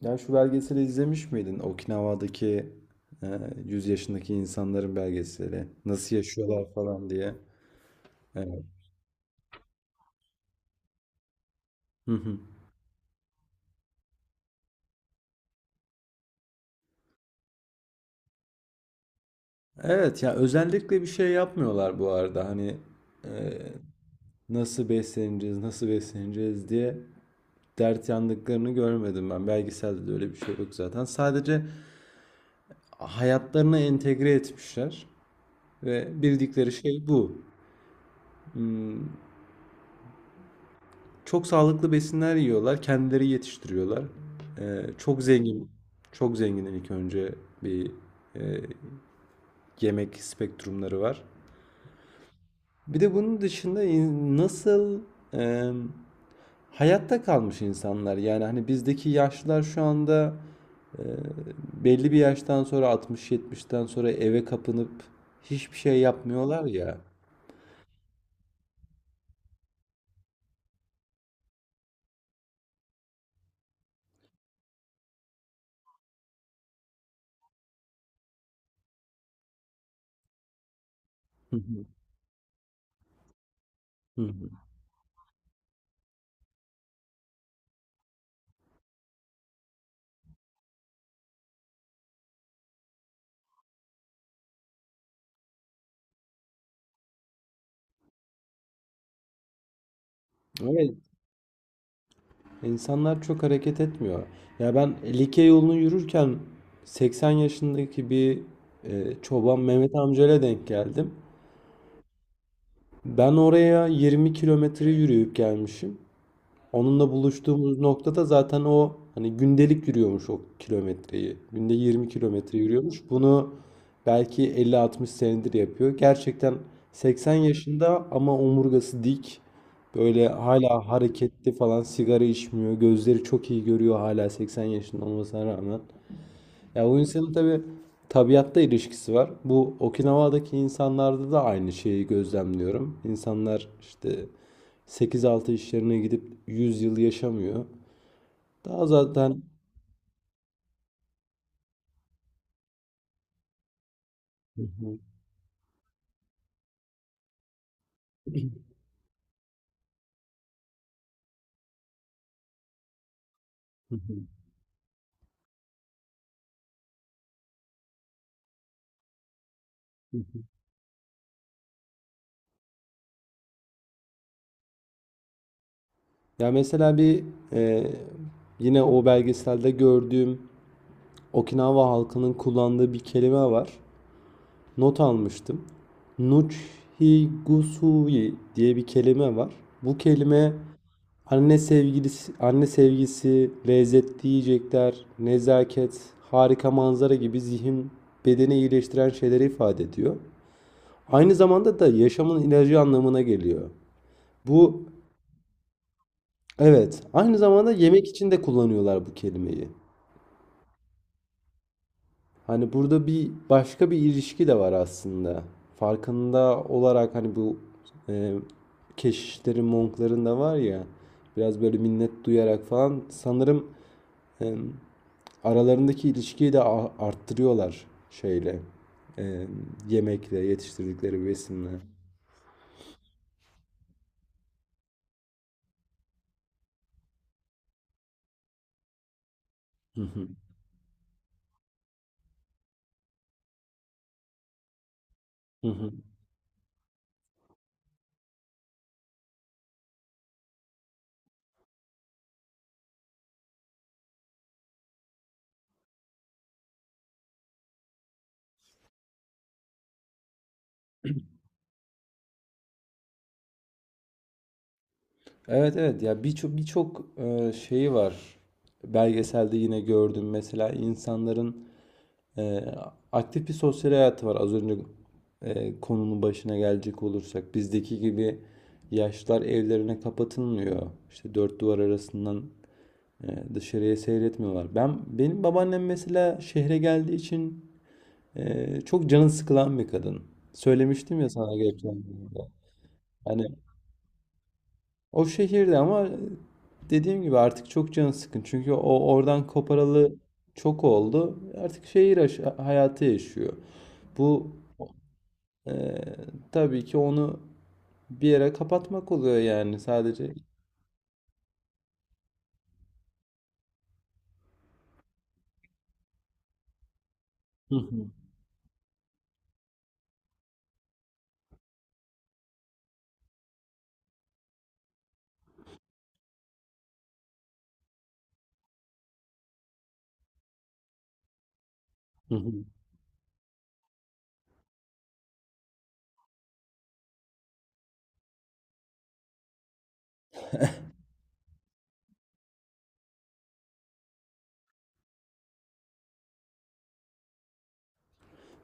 Ya şu belgeseli izlemiş miydin? Okinawa'daki e, 100 yaşındaki insanların belgeseli. Nasıl yaşıyorlar falan diye. Evet. Hı hı. Evet ya özellikle bir şey yapmıyorlar bu arada. Hani e, nasıl besleneceğiz, nasıl besleneceğiz diye dert yandıklarını görmedim ben. Belgeselde de öyle bir şey yok zaten. Sadece hayatlarına entegre etmişler ve bildikleri şey bu. Hmm, Çok sağlıklı besinler yiyorlar, kendileri yetiştiriyorlar. Çok zengin, çok zengin ilk önce bir e, yemek spektrumları var. Bir de bunun dışında nasıl e, hayatta kalmış insanlar, yani hani bizdeki yaşlılar şu anda e, belli bir yaştan sonra, 60-70'ten sonra eve kapanıp hiçbir şey yapmıyorlar ya. Hı hı. Hı hı. Evet. İnsanlar çok hareket etmiyor. Ya ben Likya yolunu yürürken 80 yaşındaki bir çoban Mehmet amcayla denk geldim. Ben oraya 20 kilometre yürüyüp gelmişim. Onunla buluştuğumuz noktada zaten o hani gündelik yürüyormuş o kilometreyi. Günde 20 kilometre yürüyormuş. Bunu belki 50-60 senedir yapıyor. Gerçekten 80 yaşında ama omurgası dik. Böyle hala hareketli falan, sigara içmiyor. Gözleri çok iyi görüyor hala, 80 yaşında olmasına rağmen. Ya o insanın tabii tabiatta ilişkisi var. Bu Okinawa'daki insanlarda da aynı şeyi gözlemliyorum. İnsanlar işte sekiz altı işlerine gidip 100 yıl yaşamıyor. Daha zaten ya mesela bir e, yine o belgeselde gördüğüm Okinawa halkının kullandığı bir kelime var. Not almıştım. Nuchigusui diye bir kelime var. Bu kelime anne sevgilisi, anne sevgisi, lezzetli yiyecekler, nezaket, harika manzara gibi zihin bedeni iyileştiren şeyleri ifade ediyor. Aynı zamanda da yaşamın ilacı anlamına geliyor. Bu, evet, aynı zamanda yemek için de kullanıyorlar bu kelimeyi. Hani burada bir başka bir ilişki de var aslında. Farkında olarak hani bu e, keşişlerin, monkların da var ya, biraz böyle minnet duyarak falan sanırım e, aralarındaki ilişkiyi de arttırıyorlar şeyle. Ee, Yemekle, yetiştirdikleri besinle. Hı hı. Evet evet, ya birçok birçok şeyi var. Belgeselde yine gördüm mesela, insanların e, aktif bir sosyal hayatı var. Az önce konunun başına gelecek olursak, bizdeki gibi yaşlılar evlerine kapatılmıyor. İşte dört duvar arasından e, dışarıya seyretmiyorlar. Benim babaannem mesela şehre geldiği için çok canı sıkılan bir kadın. Söylemiştim ya sana geçen gün de. Hani, o şehirde ama dediğim gibi artık çok canı sıkın. Çünkü o oradan koparalı çok oldu. Artık şehir hayatı yaşıyor. Bu e, tabii ki onu bir yere kapatmak oluyor yani, sadece. Hı hı. Hı hı.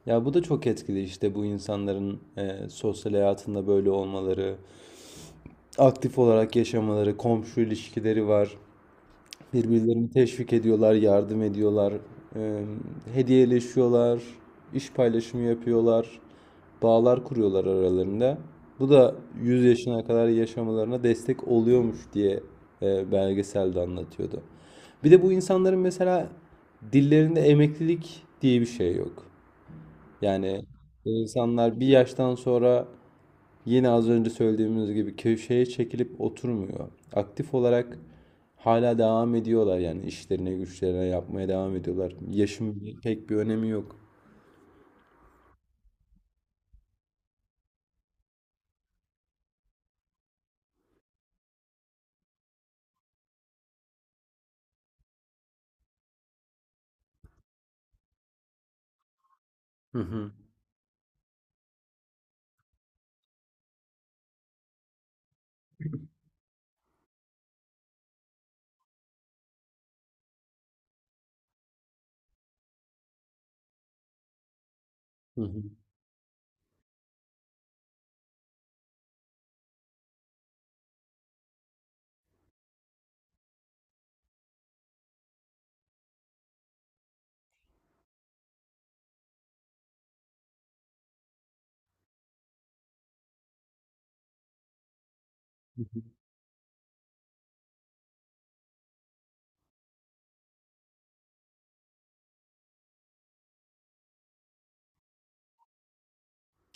Ya bu da çok etkili işte, bu insanların sosyal hayatında böyle olmaları, aktif olarak yaşamaları, komşu ilişkileri var. Birbirlerini teşvik ediyorlar, yardım ediyorlar, e, hediyeleşiyorlar, iş paylaşımı yapıyorlar, bağlar kuruyorlar aralarında. Bu da 100 yaşına kadar yaşamalarına destek oluyormuş diye belgeselde anlatıyordu. Bir de bu insanların mesela dillerinde emeklilik diye bir şey yok. Yani bu insanlar bir yaştan sonra, yine az önce söylediğimiz gibi, köşeye çekilip oturmuyor. Aktif olarak hala devam ediyorlar yani, işlerine güçlerine yapmaya devam ediyorlar. Yaşın pek bir önemi yok. Hı hı. Hı hı.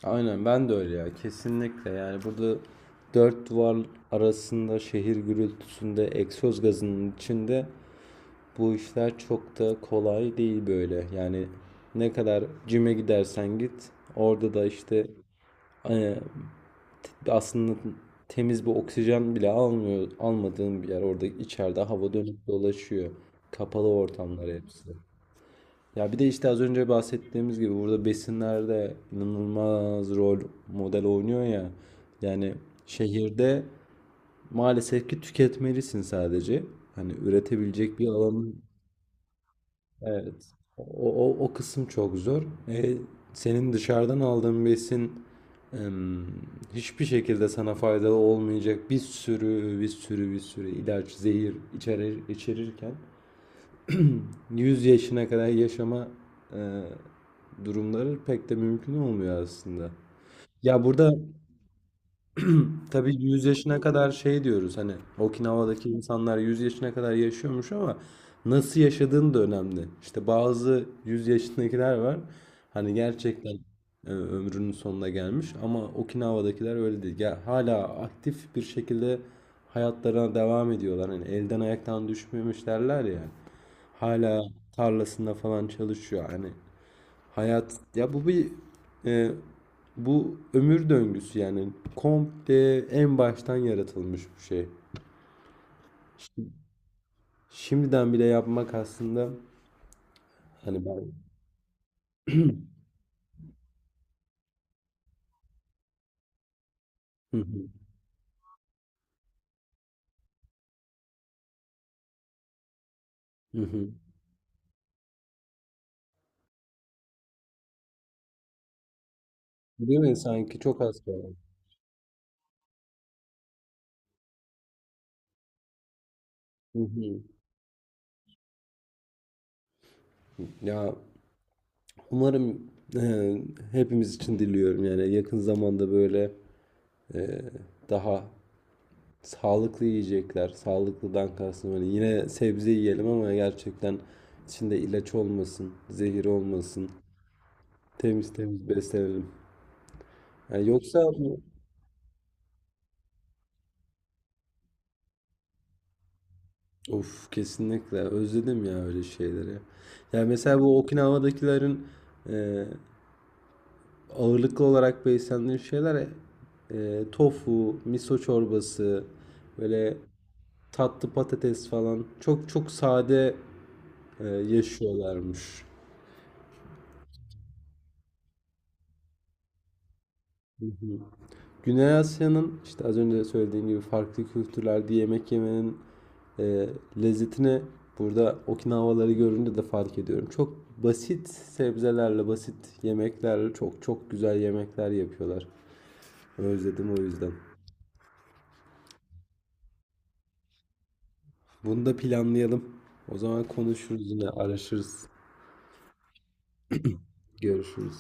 Aynen, ben de öyle ya, kesinlikle. Yani burada dört duvar arasında, şehir gürültüsünde, egzoz gazının içinde, bu işler çok da kolay değil böyle yani. Ne kadar cime gidersen git, orada da işte e, aslında temiz bir oksijen bile almıyor, almadığın bir yer. Orada içeride hava dönüp dolaşıyor. Kapalı ortamlar hepsi. Ya bir de işte az önce bahsettiğimiz gibi, burada besinlerde inanılmaz rol model oynuyor ya. Yani şehirde maalesef ki tüketmelisin sadece. Hani üretebilecek bir alanın. Evet. O, o kısım çok zor. E, Senin dışarıdan aldığın besin em, hiçbir şekilde sana faydalı olmayacak, bir sürü bir sürü bir sürü ilaç, zehir içerir, içerirken 100 yaşına kadar yaşama e, durumları pek de mümkün olmuyor aslında. Ya burada tabii 100 yaşına kadar şey diyoruz hani, Okinawa'daki insanlar 100 yaşına kadar yaşıyormuş, ama nasıl yaşadığın da önemli. İşte bazı 100 yaşındakiler var hani, gerçekten ömrünün sonuna gelmiş, ama Okinawa'dakiler öyle değil. Ya hala aktif bir şekilde hayatlarına devam ediyorlar. Hani elden ayaktan düşmemiş derler ya. Hala tarlasında falan çalışıyor. Hani hayat ya, bu bir e, bu ömür döngüsü yani, komple en baştan yaratılmış bir şey. Şimdiden bile yapmak aslında, hani ben. Hı hı, hı hı. Değil mi? Sanki çok az kaldı. Hı hı. Ya umarım e, hepimiz için diliyorum yani, yakın zamanda böyle e, daha sağlıklı yiyecekler. Sağlıklıdan kastım, hani yine sebze yiyelim ama gerçekten içinde ilaç olmasın, zehir olmasın. Temiz temiz beslenelim. Yani yoksa bu. Of, kesinlikle özledim ya öyle şeyleri. Yani mesela bu Okinawa'dakilerin e, ağırlıklı olarak beslendiği şeyler: tofu, miso çorbası, böyle tatlı patates falan, çok çok sade yaşıyorlarmış. Güney Asya'nın, işte az önce söylediğim gibi, farklı kültürlerde yemek yemenin e, lezzetini burada Okinavaları görünce de fark ediyorum. Çok basit sebzelerle, basit yemeklerle çok çok güzel yemekler yapıyorlar. Özledim o yüzden. Bunu da planlayalım. O zaman konuşuruz yine, araşırız, görüşürüz.